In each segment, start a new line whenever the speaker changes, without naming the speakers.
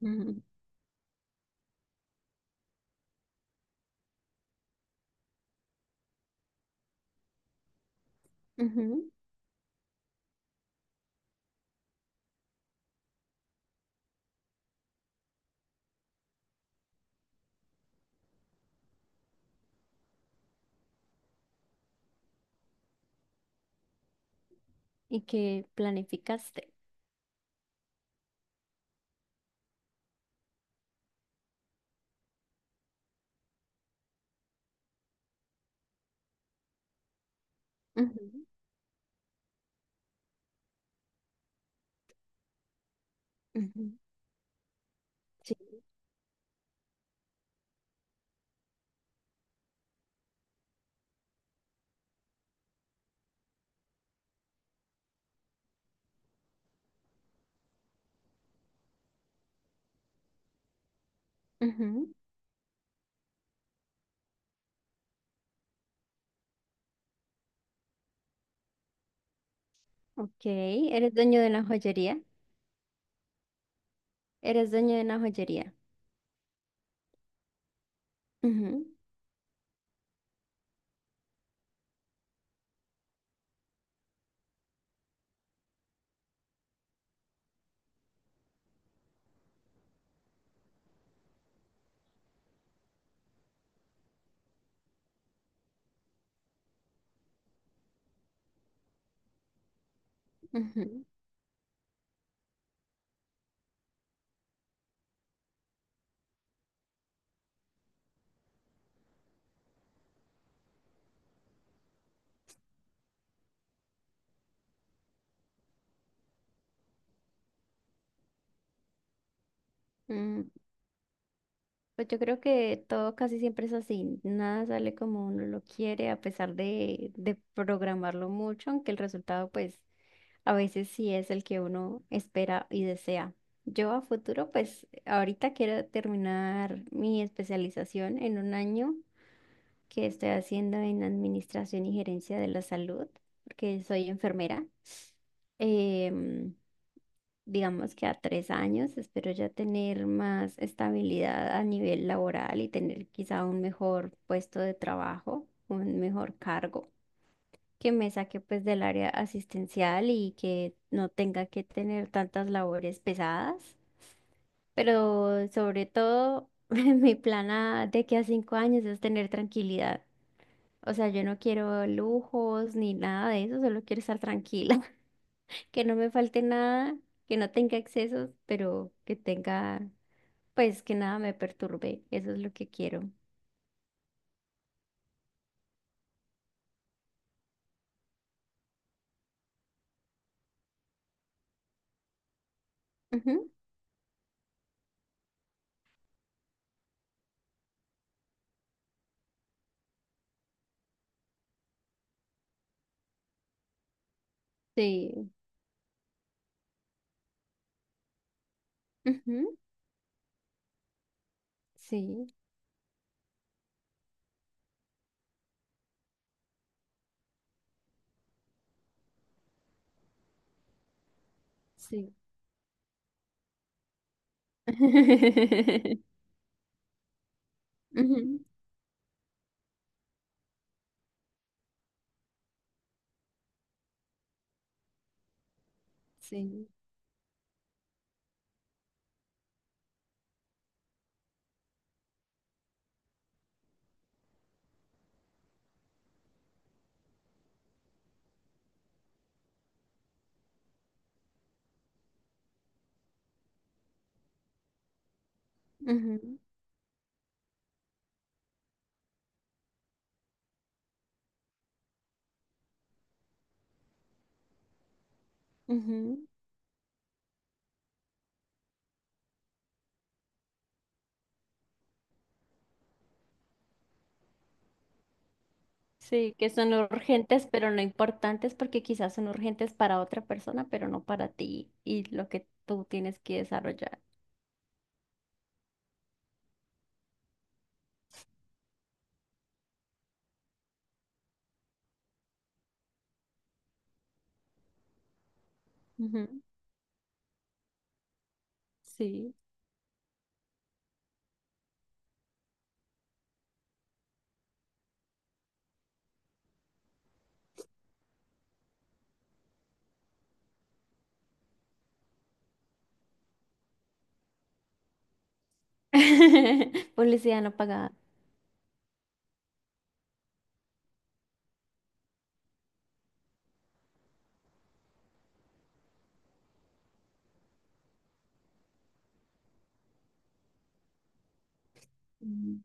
Ujú, ujú. Y qué planificaste. Ujú, ujú, Sí. ujú. Ok, eres dueño de una joyería. Eres dueño de una joyería. Ujú, ujú. Mm, Pues yo creo que todo casi siempre es así. Nada sale como uno lo quiere, a pesar de programarlo mucho, aunque el resultado, pues, a veces sí es el que uno espera y desea. Yo a futuro, pues, ahorita quiero terminar mi especialización en un año. Que estoy haciendo en Administración y Gerencia de la Salud, porque soy enfermera. Em, digamos que a 3 años espero ya tener más estabilidad a nivel laboral y tener quizá un mejor puesto de trabajo, un mejor cargo. Que me saque pues del área asistencial y que no tenga que tener tantas labores pesadas, pero sobre todo mi plan de que a 5 años es tener tranquilidad. O sea, yo no quiero lujos ni nada de eso, solo quiero estar tranquila, que no me falte nada, que no tenga excesos, pero que tenga, pues que nada me perturbe, eso es lo que quiero. Ujú, Sí, ujú, sí, sí. Ujú, Sí, ujú, ujú. Sí, que son urgentes, pero no importantes, porque quizás son urgentes para otra persona, pero no para ti y lo que tú tienes que desarrollar. Ujú, Sí. Publicidad no pagada. Mm.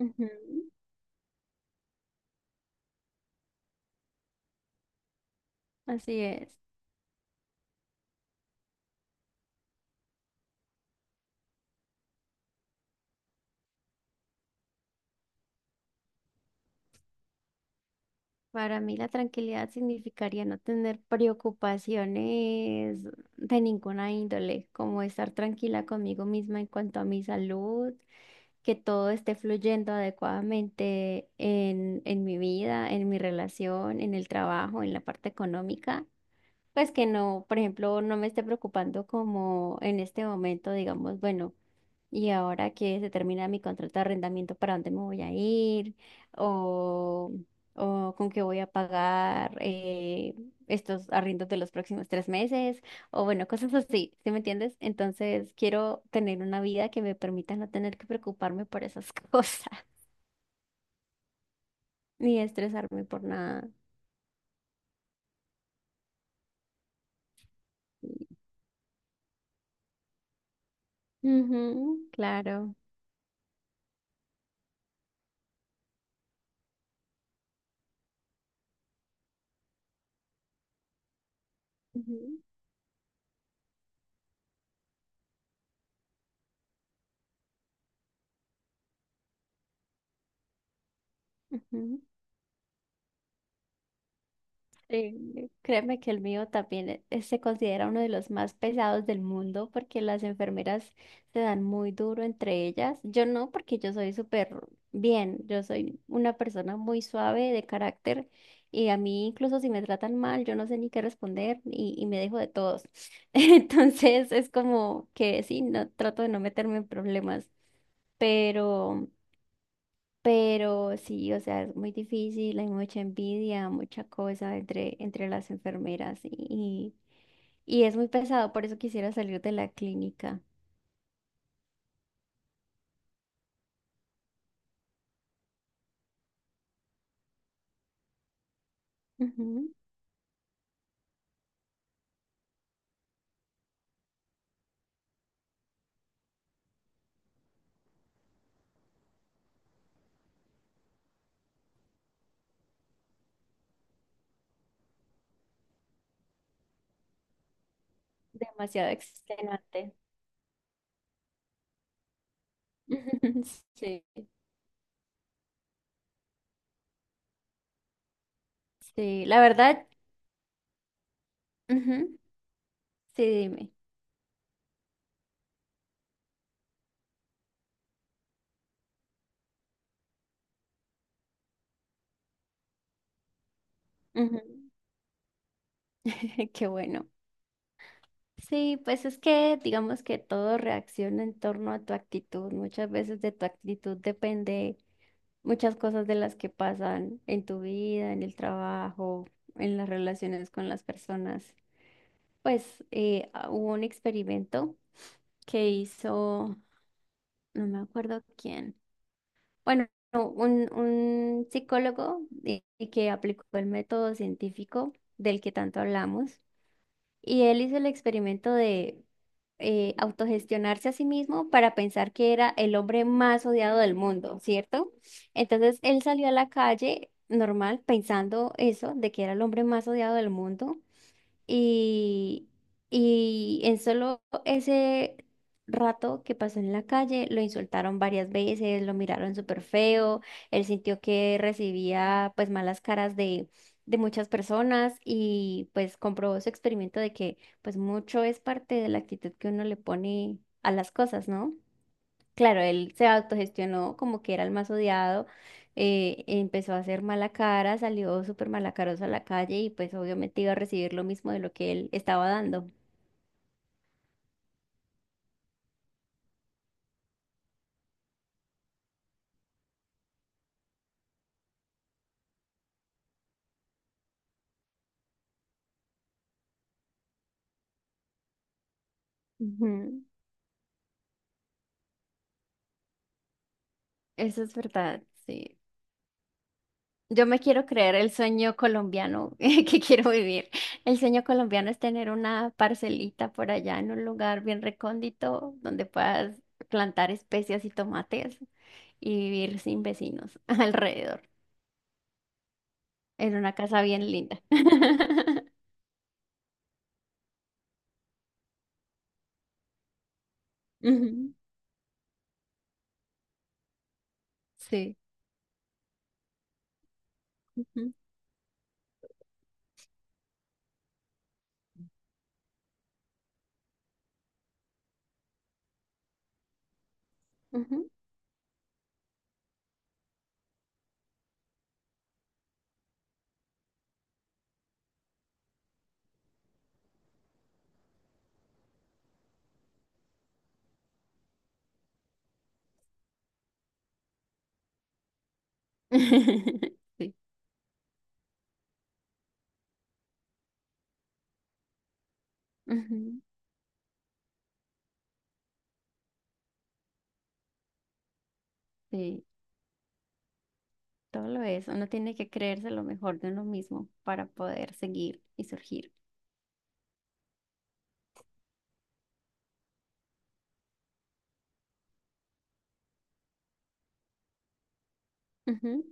Ujú, ujú. Así es. Para mí la tranquilidad significaría no tener preocupaciones de ninguna índole, como estar tranquila conmigo misma en cuanto a mi salud, que todo esté fluyendo adecuadamente en mi vida, en mi relación, en el trabajo, en la parte económica. Pues que no, por ejemplo, no me esté preocupando como en este momento, digamos, bueno. Y ahora que se termina mi contrato de arrendamiento, ¿para dónde me voy a ir? ¿O, o con qué voy a pagar estos arriendos de los próximos 3 meses? O bueno, cosas así, ¿sí me entiendes? Entonces quiero tener una vida que me permita no tener que preocuparme por esas cosas, ni estresarme por nada. Ujú, claro. Ujú, ujú. Sí, créeme que el mío también se considera uno de los más pesados del mundo porque las enfermeras se dan muy duro entre ellas. Yo no, porque yo soy súper bien, yo soy una persona muy suave de carácter y a mí incluso si me tratan mal, yo no sé ni qué responder y me dejo de todos. Entonces es como que sí, no, trato de no meterme en problemas, pero... Pero sí, o sea, es muy difícil, hay mucha envidia, mucha cosa entre las enfermeras y es muy pesado, por eso quisiera salir de la clínica. Ujú, Demasiado extenuante. Sí, sí, la verdad, ujú, Sí, dime. Ujú, Qué bueno. Sí, pues es que digamos que todo reacciona en torno a tu actitud. Muchas veces de tu actitud depende muchas cosas de las que pasan en tu vida, en el trabajo, en las relaciones con las personas. Pues hubo un experimento que hizo, no me acuerdo quién, bueno, no, un psicólogo y que aplicó el método científico del que tanto hablamos y él hizo el experimento de autogestionarse a sí mismo para pensar que era el hombre más odiado del mundo, ¿cierto? Entonces él salió a la calle normal pensando eso, de que era el hombre más odiado del mundo. Y, y en solo ese rato que pasó en la calle, lo insultaron varias veces, lo miraron súper feo, él sintió que recibía pues malas caras de muchas personas y pues comprobó su experimento de que pues mucho es parte de la actitud que uno le pone a las cosas, ¿no? Claro, él se autogestionó como que era el más odiado, empezó a hacer mala cara, salió súper malacaroso a la calle y pues obviamente iba a recibir lo mismo de lo que él estaba dando. Ujú, Eso es verdad, sí. Yo me quiero creer el sueño colombiano que quiero vivir. El sueño colombiano es tener una parcelita por allá en un lugar bien recóndito donde puedas plantar especias y tomates y vivir sin vecinos alrededor, en una casa bien linda. Ujú, Sí. ujú, ujú. Sí. ujú, Sí. Todo lo es. Uno tiene que creerse lo mejor de uno mismo para poder seguir y surgir. Ujú,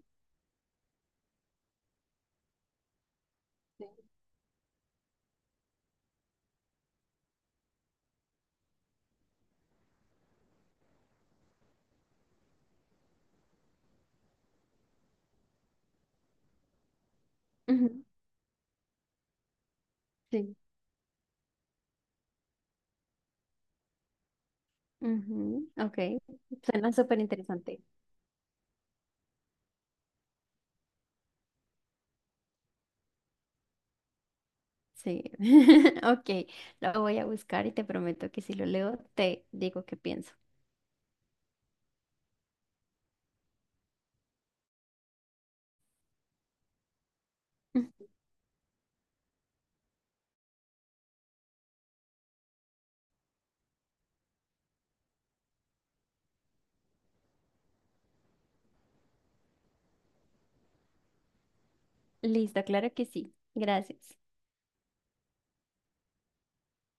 Sí. ujú, Sí. ujú, Ok. Suena súper interesante. Sí. Ok. Lo voy a buscar y te prometo que si lo leo, te digo qué pienso. Listo, claro que sí. Gracias.